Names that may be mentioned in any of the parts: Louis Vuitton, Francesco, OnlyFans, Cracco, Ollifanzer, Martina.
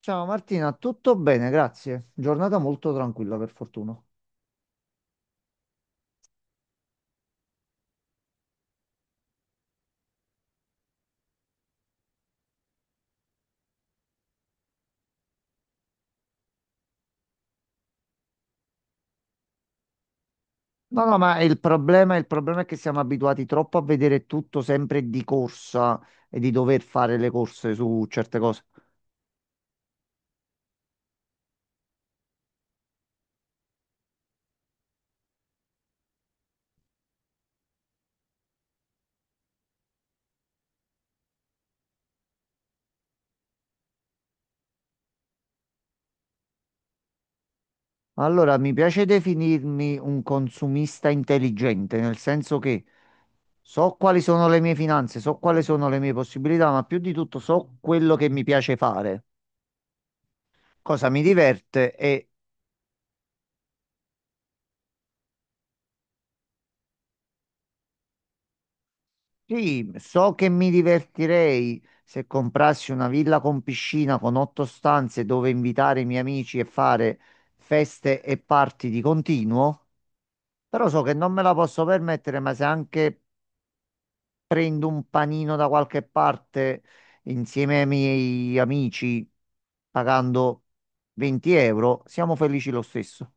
Ciao Martina, tutto bene, grazie. Giornata molto tranquilla per fortuna. No, no, ma il problema è che siamo abituati troppo a vedere tutto sempre di corsa e di dover fare le corse su certe cose. Allora, mi piace definirmi un consumista intelligente, nel senso che so quali sono le mie finanze, so quali sono le mie possibilità, ma più di tutto so quello che mi piace fare, cosa mi diverte. E sì, so che mi divertirei se comprassi una villa con piscina con otto stanze dove invitare i miei amici e fare feste e party di continuo, però so che non me la posso permettere, ma se anche prendo un panino da qualche parte insieme ai miei amici pagando 20 euro, siamo felici lo stesso.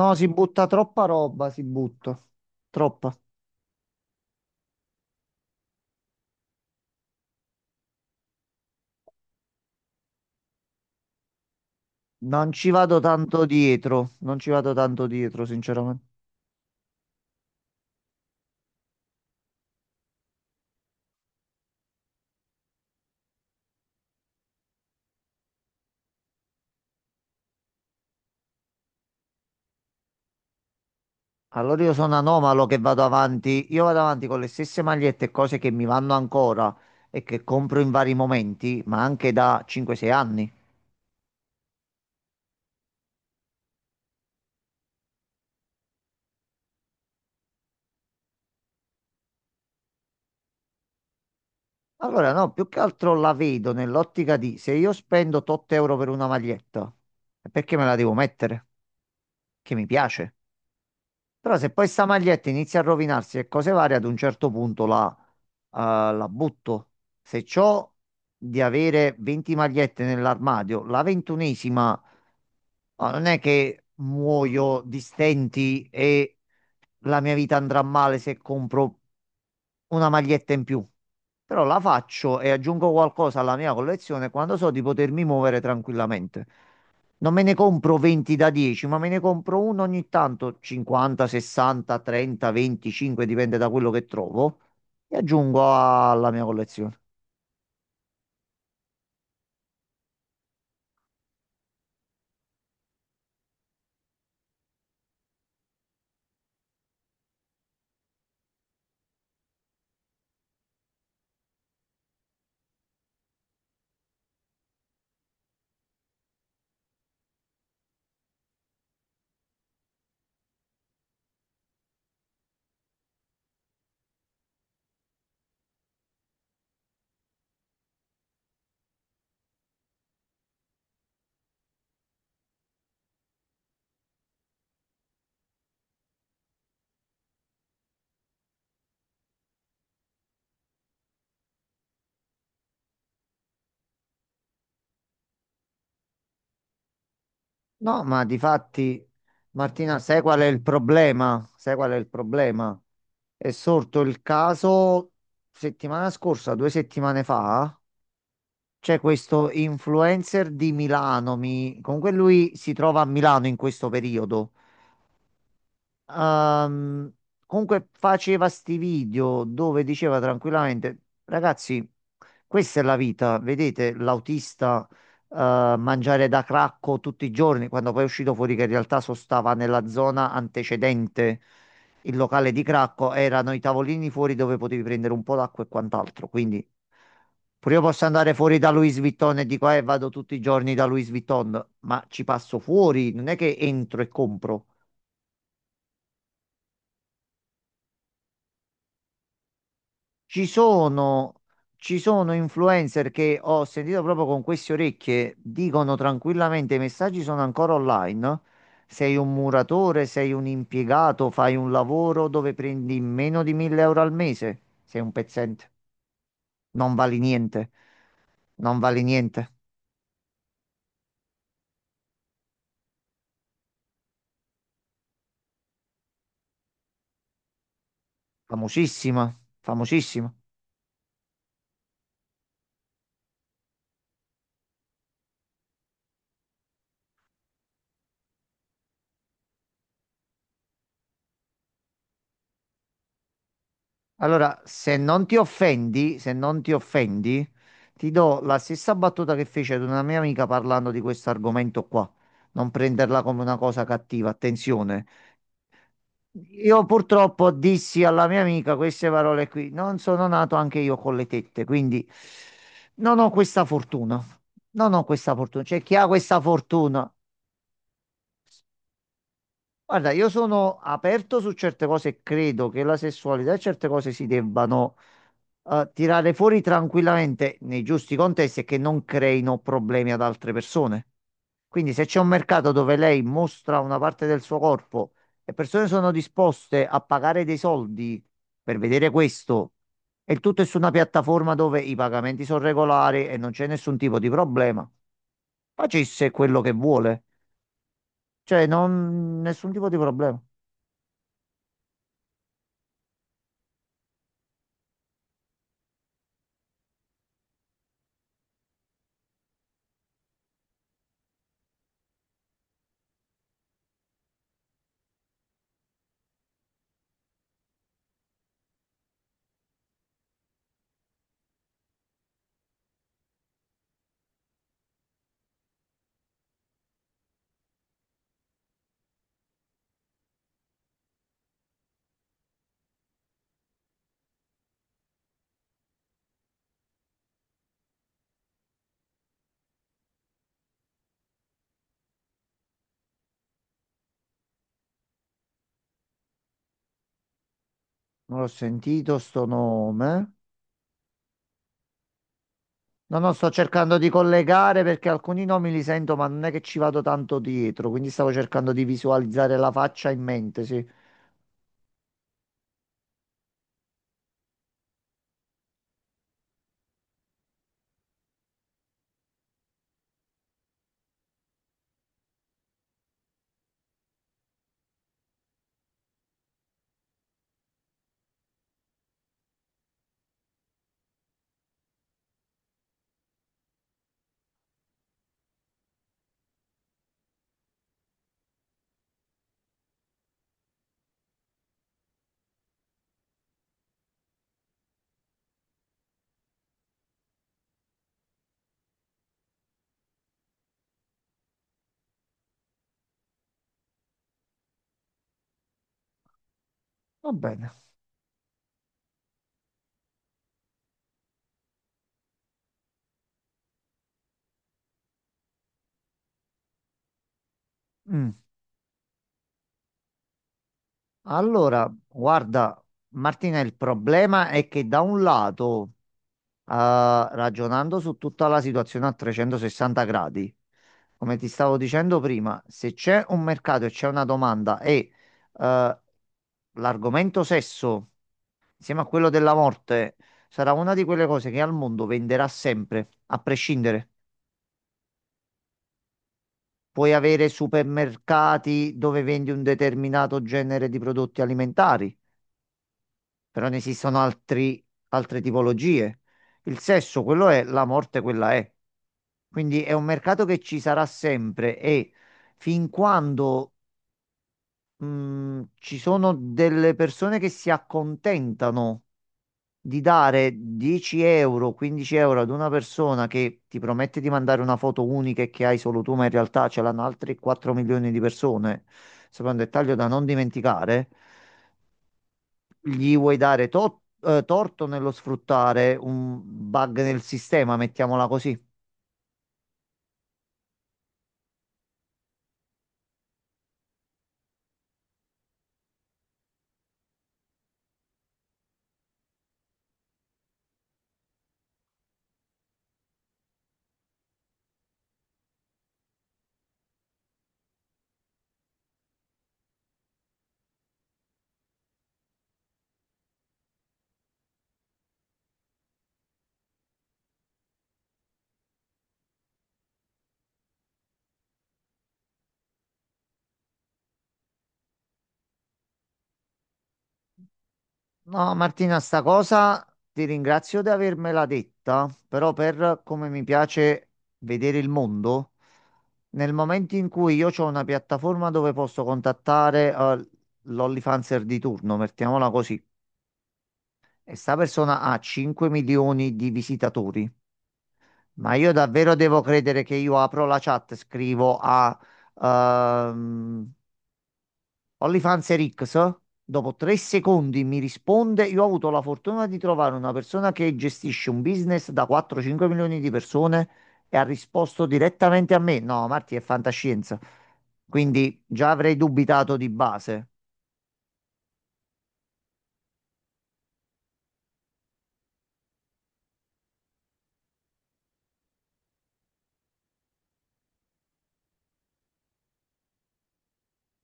No, si butta troppa roba, si butta. Troppa. Non ci vado tanto dietro, non ci vado tanto dietro, sinceramente. Allora io sono anomalo che vado avanti, io vado avanti con le stesse magliette e cose che mi vanno ancora e che compro in vari momenti, ma anche da 5-6 anni. Allora no, più che altro la vedo nell'ottica di se io spendo 8 euro per una maglietta, è perché me la devo mettere? Che mi piace. Però se poi sta maglietta inizia a rovinarsi e cose varie, ad un certo punto eh, la butto. Se c'ho di avere 20 magliette nell'armadio, la 21ª. Ma non è che muoio di stenti e la mia vita andrà male se compro una maglietta in più. Però la faccio e aggiungo qualcosa alla mia collezione quando so di potermi muovere tranquillamente. Non me ne compro 20 da 10, ma me ne compro uno ogni tanto, 50, 60, 30, 25, dipende da quello che trovo, e aggiungo alla mia collezione. No, ma difatti, Martina, sai qual è il problema? Sai qual è il problema? È sorto il caso settimana scorsa, 2 settimane fa. C'è questo influencer di Milano, comunque lui si trova a Milano in questo periodo. Ehm, comunque faceva sti video dove diceva tranquillamente: ragazzi, questa è la vita, vedete l'autista eh, mangiare da Cracco tutti i giorni, quando poi è uscito fuori che in realtà sostava nella zona antecedente il locale di Cracco, erano i tavolini fuori dove potevi prendere un po' d'acqua e quant'altro. Quindi pure io posso andare fuori da Louis Vuitton e dico, vado tutti i giorni da Louis Vuitton, ma ci passo fuori, non è che entro e compro. Ci sono, ci sono influencer che ho sentito proprio con queste orecchie, dicono tranquillamente, i messaggi sono ancora online: sei un muratore, sei un impiegato, fai un lavoro dove prendi meno di 1000 euro al mese. Sei un pezzente, non vali niente, non vali niente. Famosissima, famosissima. Allora, se non ti offendi, se non ti offendi, ti do la stessa battuta che fece ad una mia amica parlando di questo argomento qua. Non prenderla come una cosa cattiva, attenzione. Io purtroppo dissi alla mia amica queste parole qui: non sono nato anche io con le tette, quindi non ho questa fortuna. Non ho questa fortuna. C'è chi ha questa fortuna. Guarda, io sono aperto su certe cose e credo che la sessualità e certe cose si debbano tirare fuori tranquillamente nei giusti contesti e che non creino problemi ad altre persone. Quindi se c'è un mercato dove lei mostra una parte del suo corpo e persone sono disposte a pagare dei soldi per vedere questo, e il tutto è su una piattaforma dove i pagamenti sono regolari e non c'è nessun tipo di problema, facesse quello che vuole. Cioè, non nessun tipo di problema. Non ho sentito sto nome. No, no, sto cercando di collegare perché alcuni nomi li sento, ma non è che ci vado tanto dietro, quindi stavo cercando di visualizzare la faccia in mente, sì. Va bene. Mm. Allora, guarda, Martina, il problema è che da un lato, ragionando su tutta la situazione a 360 gradi, come ti stavo dicendo prima, se c'è un mercato e c'è una domanda e eh, l'argomento sesso insieme a quello della morte, sarà una di quelle cose che al mondo venderà sempre, a prescindere. Puoi avere supermercati dove vendi un determinato genere di prodotti alimentari, però ne esistono altre tipologie. Il sesso, quello è, la morte, quella è. Quindi è un mercato che ci sarà sempre e fin quando ci sono delle persone che si accontentano di dare 10 euro, 15 euro ad una persona che ti promette di mandare una foto unica e che hai solo tu, ma in realtà ce l'hanno altri 4 milioni di persone. Sembra un dettaglio da non dimenticare. Gli vuoi dare torto nello sfruttare un bug nel sistema, mettiamola così. No, Martina, sta cosa ti ringrazio di avermela detta, però per come mi piace vedere il mondo, nel momento in cui io ho una piattaforma dove posso contattare l'Ollifanzer di turno, mettiamola così, e sta persona ha 5 milioni di visitatori, ma io davvero devo credere che io apro la chat, scrivo a ehm, OnlyFans Rix, dopo 3 secondi mi risponde, io ho avuto la fortuna di trovare una persona che gestisce un business da 4-5 milioni di persone e ha risposto direttamente a me? No, Marti, è fantascienza. Quindi già avrei dubitato di base.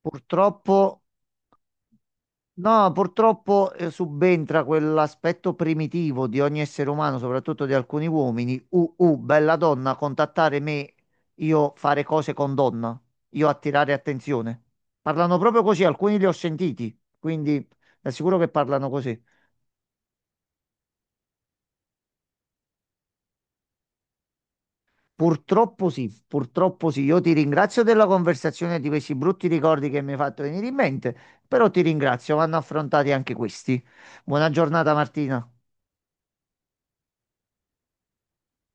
Purtroppo. No, purtroppo subentra quell'aspetto primitivo di ogni essere umano, soprattutto di alcuni uomini. Bella donna, contattare me, io fare cose con donna, io attirare attenzione. Parlano proprio così, alcuni li ho sentiti, quindi ti assicuro che parlano così. Purtroppo sì, purtroppo sì. Io ti ringrazio della conversazione e di questi brutti ricordi che mi hai fatto venire in mente, però ti ringrazio, vanno affrontati anche questi. Buona giornata, Martina.